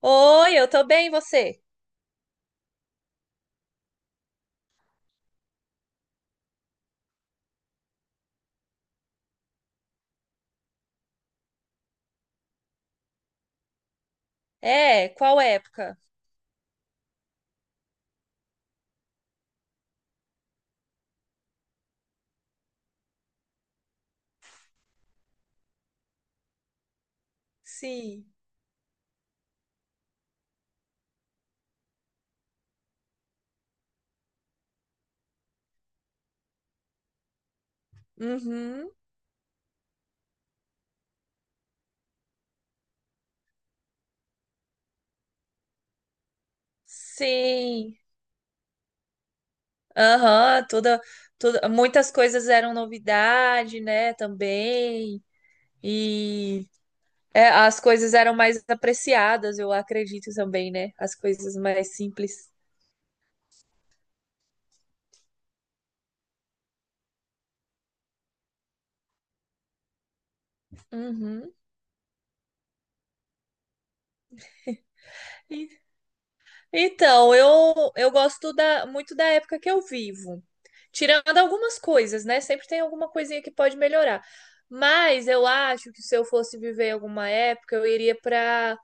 Oi, eu tô bem, e você? É, qual época? Sim. Uhum. Sim. Aham, toda, toda, muitas coisas eram novidade, né, também. E As coisas eram mais apreciadas, eu acredito também, né? As coisas mais simples. Uhum. Então, eu, eu gosto muito da época que eu vivo. Tirando algumas coisas, né? Sempre tem alguma coisinha que pode melhorar. Mas eu acho que, se eu fosse viver alguma época, eu iria para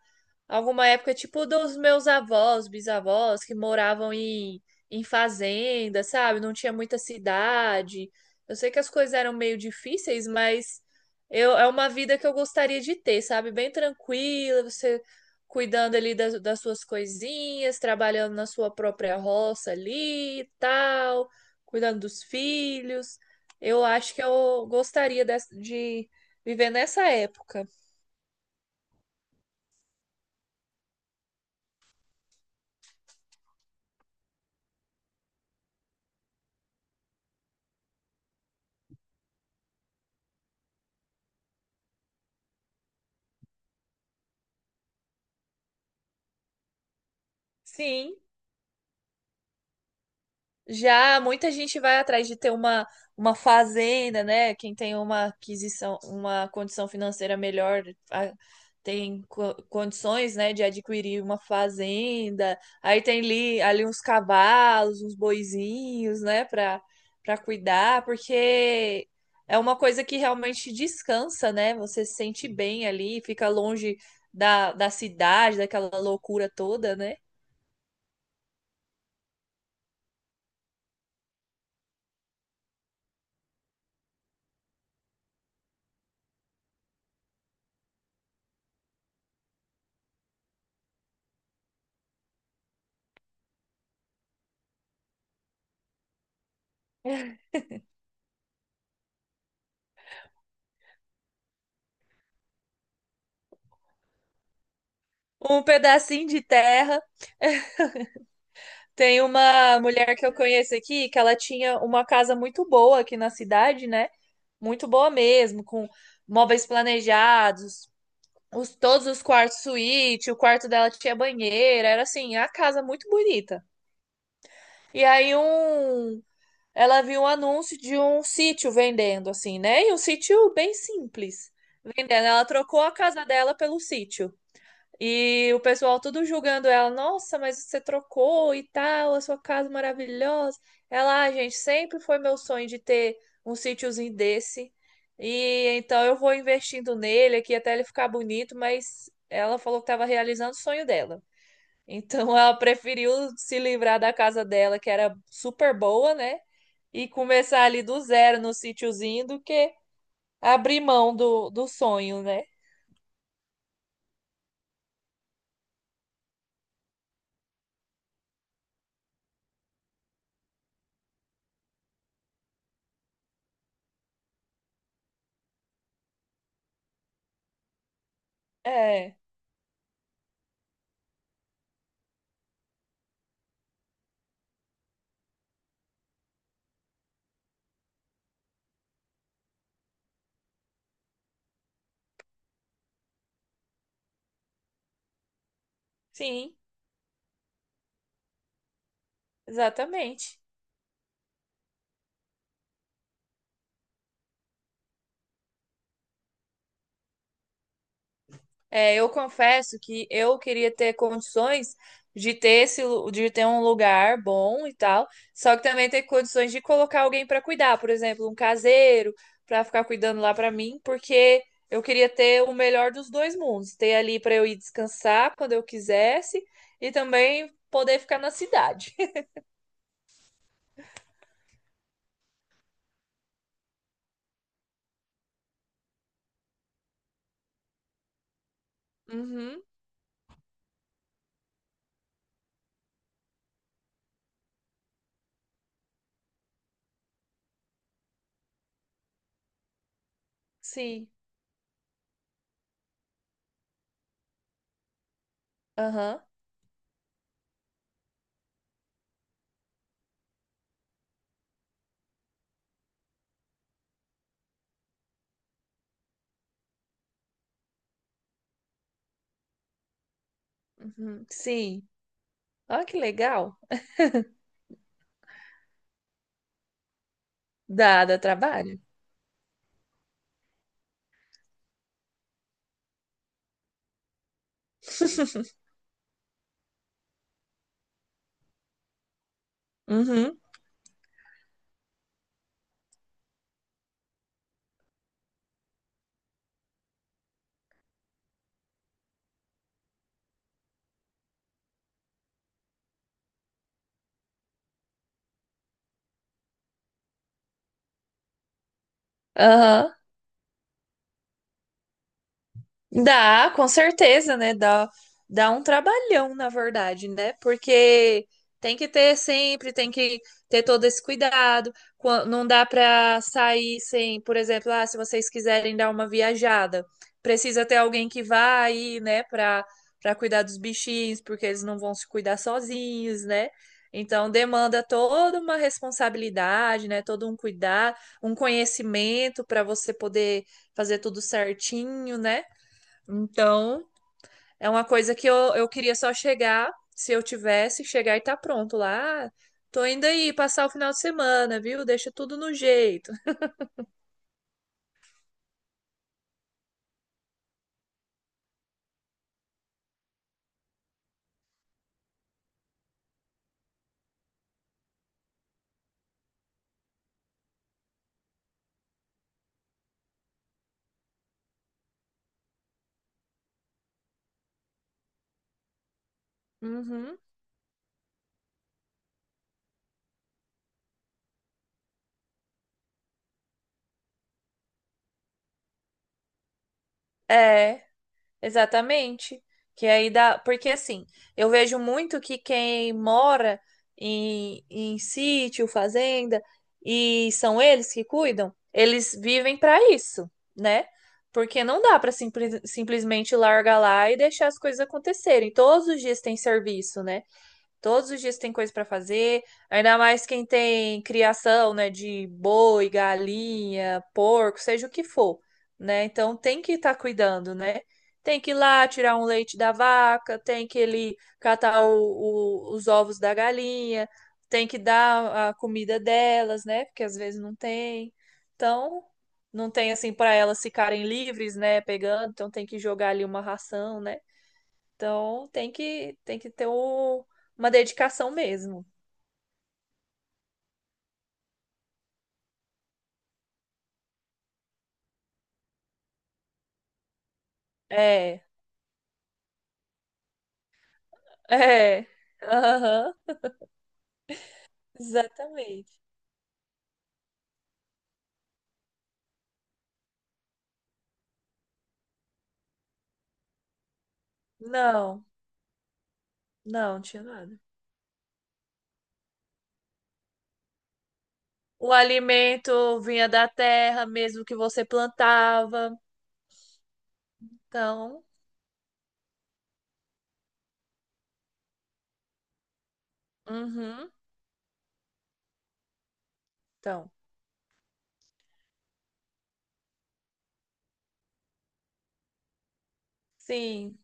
alguma época, tipo dos meus avós, bisavós, que moravam em fazenda, sabe? Não tinha muita cidade. Eu sei que as coisas eram meio difíceis, mas eu, é uma vida que eu gostaria de ter, sabe? Bem tranquila, você cuidando ali das suas coisinhas, trabalhando na sua própria roça ali e tal, cuidando dos filhos. Eu acho que eu gostaria de viver nessa época. Sim. Já muita gente vai atrás de ter uma fazenda, né? Quem tem uma aquisição, uma condição financeira melhor, a- tem condições, né, de adquirir uma fazenda. Aí tem ali uns cavalos, uns boizinhos, né, para cuidar, porque é uma coisa que realmente descansa, né? Você se sente bem ali, fica longe da cidade, daquela loucura toda, né? Um pedacinho de terra. Tem uma mulher que eu conheço aqui que ela tinha uma casa muito boa aqui na cidade, né? Muito boa mesmo, com móveis planejados, todos os quartos suíte, o quarto dela tinha banheira, era assim, a casa muito bonita. E aí um, Ela viu um anúncio de um sítio vendendo, assim, né? E um sítio bem simples, vendendo. Ela trocou a casa dela pelo sítio. E o pessoal tudo julgando ela, nossa, mas você trocou e tal, a sua casa maravilhosa. Ela, ah, gente, sempre foi meu sonho de ter um sítiozinho desse. E então eu vou investindo nele aqui até ele ficar bonito, mas ela falou que estava realizando o sonho dela. Então ela preferiu se livrar da casa dela, que era super boa, né? E começar ali do zero no sítiozinho do que abrir mão do sonho, né? É, sim, exatamente. É, eu confesso que eu queria ter condições de ter de ter um lugar bom e tal, só que também ter condições de colocar alguém para cuidar, por exemplo, um caseiro para ficar cuidando lá para mim, porque eu queria ter o melhor dos dois mundos, ter ali para eu ir descansar quando eu quisesse e também poder ficar na cidade. Uhum, sim. Aham. Uhum, sim. Olha que legal. Dá, dá trabalho. Uhum. Aham. Dá, com certeza, né? Dá, dá um trabalhão, na verdade, né? Porque tem que ter sempre, tem que ter todo esse cuidado. Não dá para sair sem, por exemplo, ah, se vocês quiserem dar uma viajada, precisa ter alguém que vá aí, né, para cuidar dos bichinhos, porque eles não vão se cuidar sozinhos, né? Então demanda toda uma responsabilidade, né? Todo um cuidado, um conhecimento para você poder fazer tudo certinho, né? Então, é uma coisa que eu queria só chegar, se eu tivesse, chegar e tá pronto lá. Ah, tô indo aí passar o final de semana, viu? Deixa tudo no jeito. Uhum. É. Exatamente. Que aí dá. Porque assim, eu vejo muito que quem mora em sítio, fazenda, e são eles que cuidam, eles vivem para isso, né? Porque não dá para simplesmente largar lá e deixar as coisas acontecerem. Todos os dias tem serviço, né? Todos os dias tem coisa para fazer, ainda mais quem tem criação, né, de boi, galinha, porco, seja o que for, né? Então tem que estar cuidando, né? Tem que ir lá tirar um leite da vaca, tem que ele catar os ovos da galinha, tem que dar a comida delas, né? Porque às vezes não tem. Então, não tem assim para elas ficarem livres, né? Pegando, então tem que jogar ali uma ração, né? Então tem que ter uma dedicação mesmo. É, é. Aham, exatamente. Não, não, não tinha nada. O alimento vinha da terra mesmo que você plantava. Então, uhum, então, sim.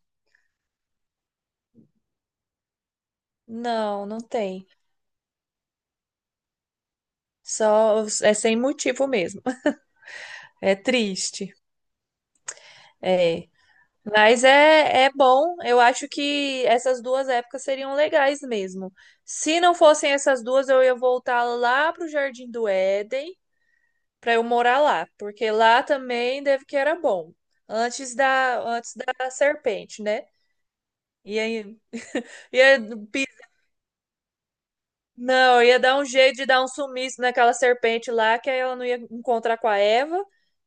Não, não tem. Só é sem motivo mesmo. É triste. É. Mas é bom, eu acho que essas duas épocas seriam legais mesmo. Se não fossem essas duas, eu ia voltar lá pro Jardim do Éden para eu morar lá, porque lá também deve que era bom, antes da serpente, né? E aí, ia, pi- não, ia dar um jeito de dar um sumiço naquela serpente lá, que aí ela não ia encontrar com a Eva,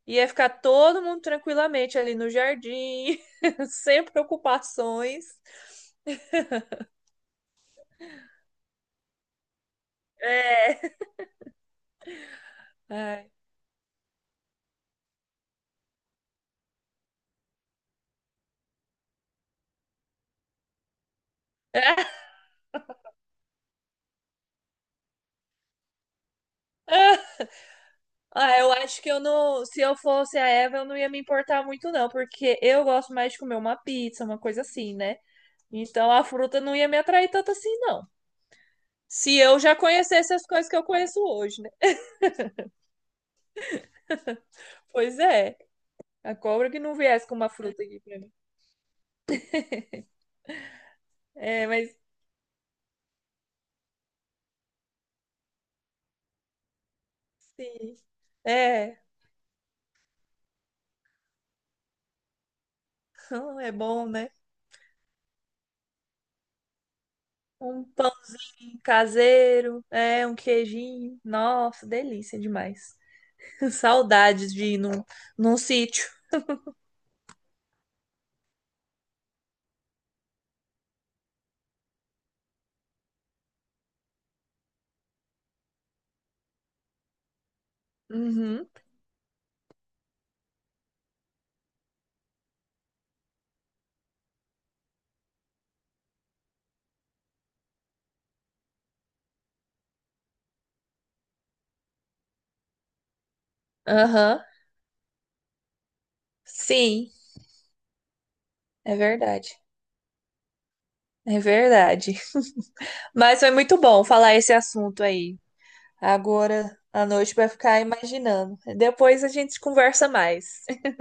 ia ficar todo mundo tranquilamente ali no jardim, sem preocupações. É. Ai. Ah, eu acho que eu não. Se eu fosse a Eva, eu não ia me importar muito, não, porque eu gosto mais de comer uma pizza, uma coisa assim, né? Então a fruta não ia me atrair tanto assim, não. Se eu já conhecesse as coisas que eu conheço hoje, né? Pois é, a cobra que não viesse com uma fruta aqui pra mim. É, mas sim. É, é bom, né? Um pão caseiro, um queijinho. Nossa, delícia demais. Saudades de ir num sítio. Uhum. Aham, sim, é verdade. É verdade. Mas foi muito bom falar esse assunto aí. Agora à noite vai ficar imaginando. Depois a gente conversa mais.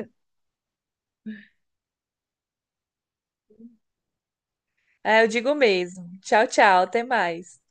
Ah, eu digo mesmo. Tchau, tchau, até mais.